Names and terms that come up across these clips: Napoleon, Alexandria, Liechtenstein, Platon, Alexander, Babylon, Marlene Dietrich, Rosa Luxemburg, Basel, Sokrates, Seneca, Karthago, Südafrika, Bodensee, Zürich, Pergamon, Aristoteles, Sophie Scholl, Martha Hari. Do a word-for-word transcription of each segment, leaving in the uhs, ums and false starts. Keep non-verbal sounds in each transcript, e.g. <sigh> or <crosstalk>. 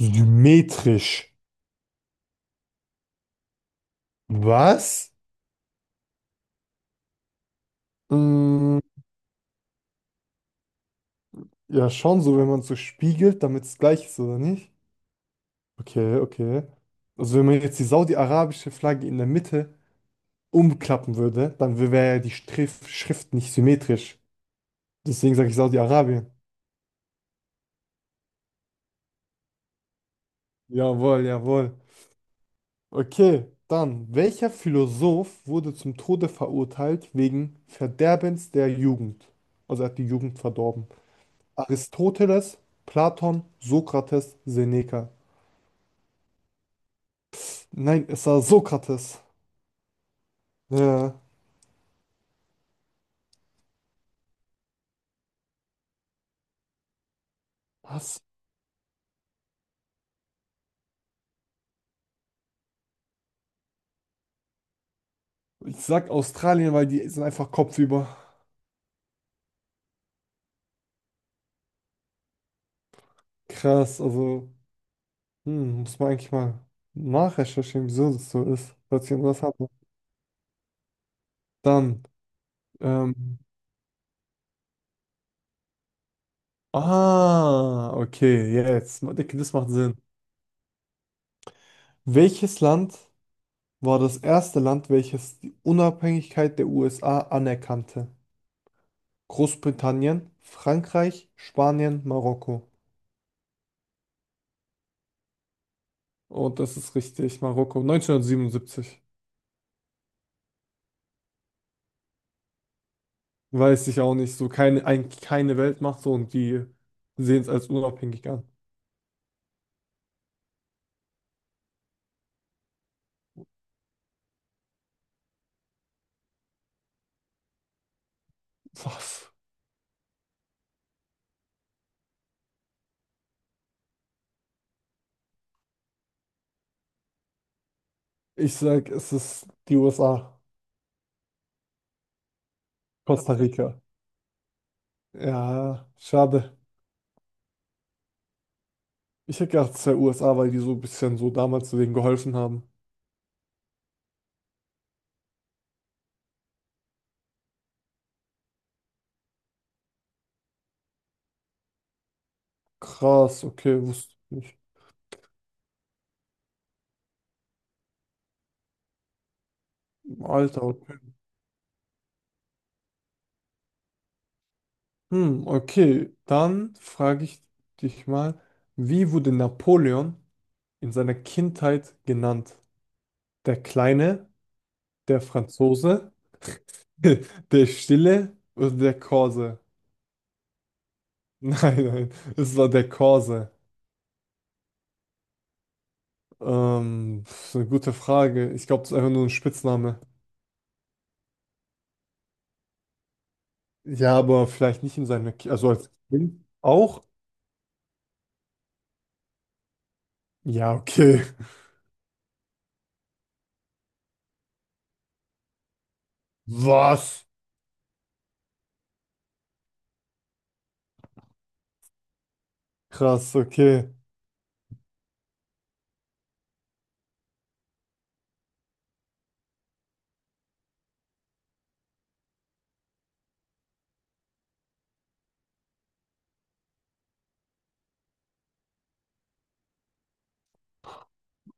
Symmetrisch. Was? Mm, ja, schon so, wenn man so spiegelt, damit es gleich ist, oder nicht? Okay, okay. Also wenn man jetzt die saudi-arabische Flagge in der Mitte umklappen würde, dann wäre ja die Strif Schrift nicht symmetrisch. Deswegen sage ich Saudi-Arabien. Jawohl, jawohl. Okay, dann, welcher Philosoph wurde zum Tode verurteilt wegen Verderbens der Jugend? Also er hat die Jugend verdorben. Aristoteles, Platon, Sokrates, Seneca. Nein, es war Sokrates. Ja. Was? Ich sag Australien, weil die sind einfach kopfüber. Krass, also, hm, muss man eigentlich mal nachrecherchieren, wieso das so ist. Falls ich irgendwas habe. Dann, ähm, ah, okay, jetzt. Ich denke, das macht Sinn. Welches Land war das erste Land, welches die Unabhängigkeit der U S A anerkannte? Großbritannien, Frankreich, Spanien, Marokko. Und das ist richtig, Marokko, neunzehnhundertsiebenundsiebzig. Weiß ich auch nicht. So keine, eigentlich keine Weltmacht so und die sehen es als unabhängig an. Was? Ich sag, es ist die U S A. Costa Rica. Ja, schade. Ich hätte gedacht, es wäre U S A, weil die so ein bisschen so damals denen geholfen haben. Krass, okay, wusste ich nicht. Alter, okay. Hm, okay. Dann frage ich dich mal, wie wurde Napoleon in seiner Kindheit genannt? Der Kleine, der Franzose, <laughs> der Stille oder der Korse. <laughs> Nein, nein, es war der Korse. Ähm, das ist eine gute Frage. Ich glaube, das ist einfach nur ein Spitzname. Ja, aber vielleicht nicht in seiner, Ki- also als Kind auch? Ja, okay. <laughs> Was? Krass, okay.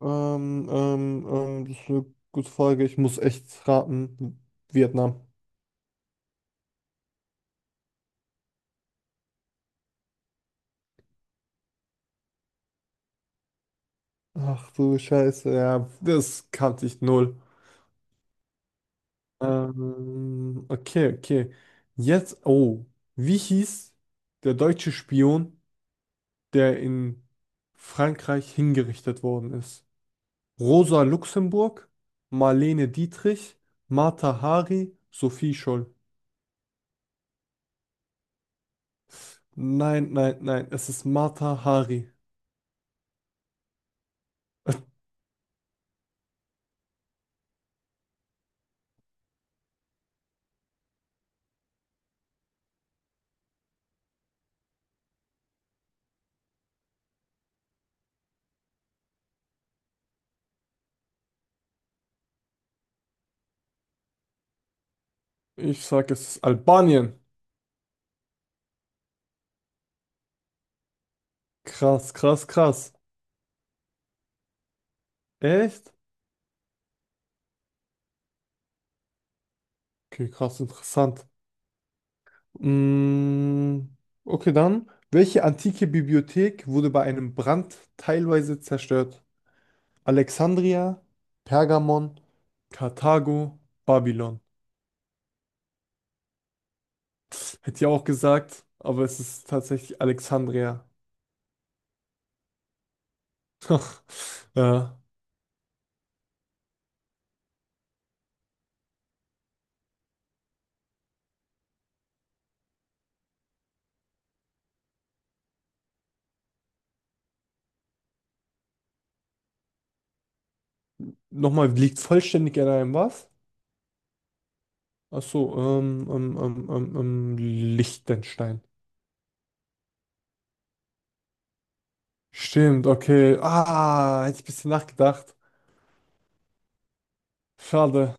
Ähm, ähm, ähm, das ist eine gute Frage. Ich muss echt raten. Vietnam. Ach du Scheiße, ja, das kannte ich null. Ähm, okay, okay. Jetzt, oh, wie hieß der deutsche Spion, der in Frankreich hingerichtet worden ist? Rosa Luxemburg, Marlene Dietrich, Martha Hari, Sophie Scholl. Nein, nein, nein, es ist Martha Hari. <laughs> Ich sag, es ist Albanien. Krass, krass, krass. Echt? Okay, krass, interessant. Mm, okay, dann. Welche antike Bibliothek wurde bei einem Brand teilweise zerstört? Alexandria, Pergamon, Karthago, Babylon. Hätte ich auch gesagt, aber es ist tatsächlich Alexandria. <laughs> Ja. Nochmal, liegt vollständig in einem was? Ach so, ähm, ähm, ähm, ähm, ähm, Liechtenstein. Stimmt, okay. Ah, hätte ich ein bisschen nachgedacht. Schade.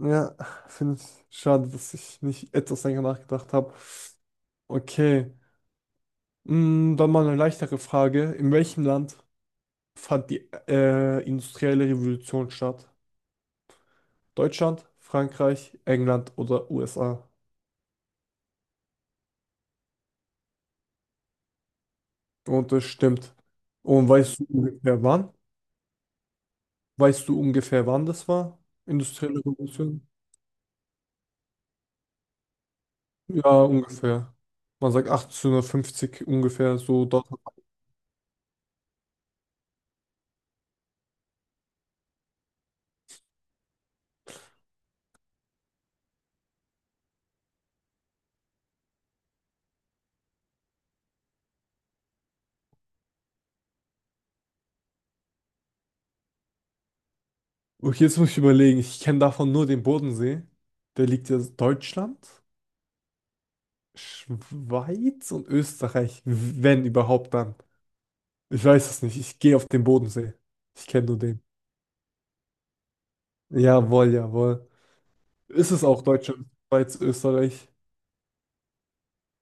Ja, finde ich schade, dass ich nicht etwas länger nachgedacht habe. Okay, mm, dann mal eine leichtere Frage. In welchem Land fand die äh, industrielle Revolution statt? Deutschland, Frankreich, England oder U S A? Und das stimmt. Und weißt du ungefähr wann? Weißt du ungefähr wann das war? Industrielle Revolution? Ja, ungefähr. Man sagt achtzehnhundertfünfzig ungefähr so. Da. Okay, jetzt muss ich überlegen. Ich kenne davon nur den Bodensee. Der liegt ja Deutschland, Schweiz und Österreich, wenn überhaupt dann. Ich weiß es nicht. Ich gehe auf den Bodensee. Ich kenne nur den. Jawohl, jawohl. Ist es auch Deutschland, Schweiz, Österreich?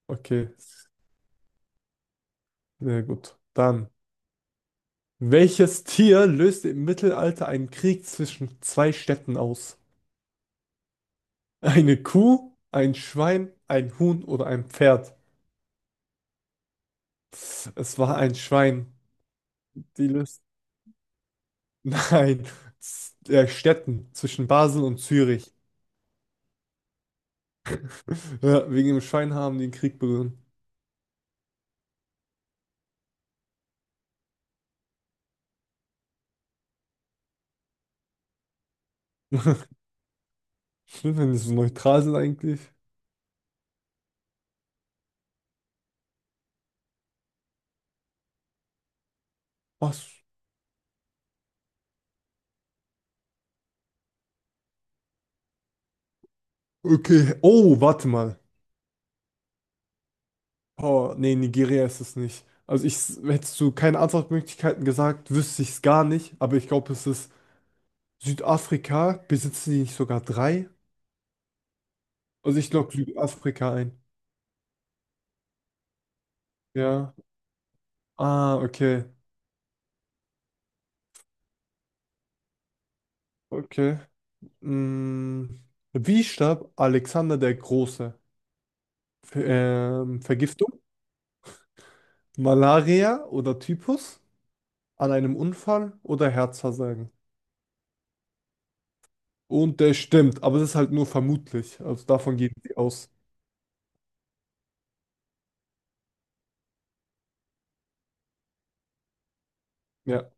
Okay, sehr gut. Dann. Welches Tier löste im Mittelalter einen Krieg zwischen zwei Städten aus? Eine Kuh, ein Schwein, ein Huhn oder ein Pferd? Es war ein Schwein. Die löst nein, Z- äh, Städten zwischen Basel und Zürich. Ja, wegen dem Schwein den Krieg begonnen. <laughs> Schlimm, wenn die so neutral sind eigentlich. Was? Okay. Oh, warte mal. Oh, nee, Nigeria ist es nicht. Also ich s- hättest du keine Antwortmöglichkeiten gesagt, wüsste ich es gar nicht. Aber ich glaube, es ist Südafrika. Besitzen die nicht sogar drei? Also ich logge Südafrika ein. Ja. Ah, okay. Okay. Mm. Wie starb Alexander der Große? Ver- ähm, Vergiftung, Malaria oder Typhus an einem Unfall oder Herzversagen. Und der stimmt, aber das ist halt nur vermutlich. Also davon gehen sie aus. Ja,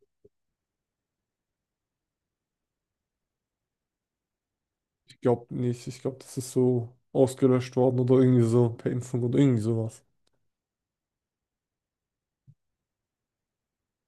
ich glaube nicht. Ich glaube, das ist so ausgelöscht worden oder irgendwie so per Impfung oder irgendwie sowas.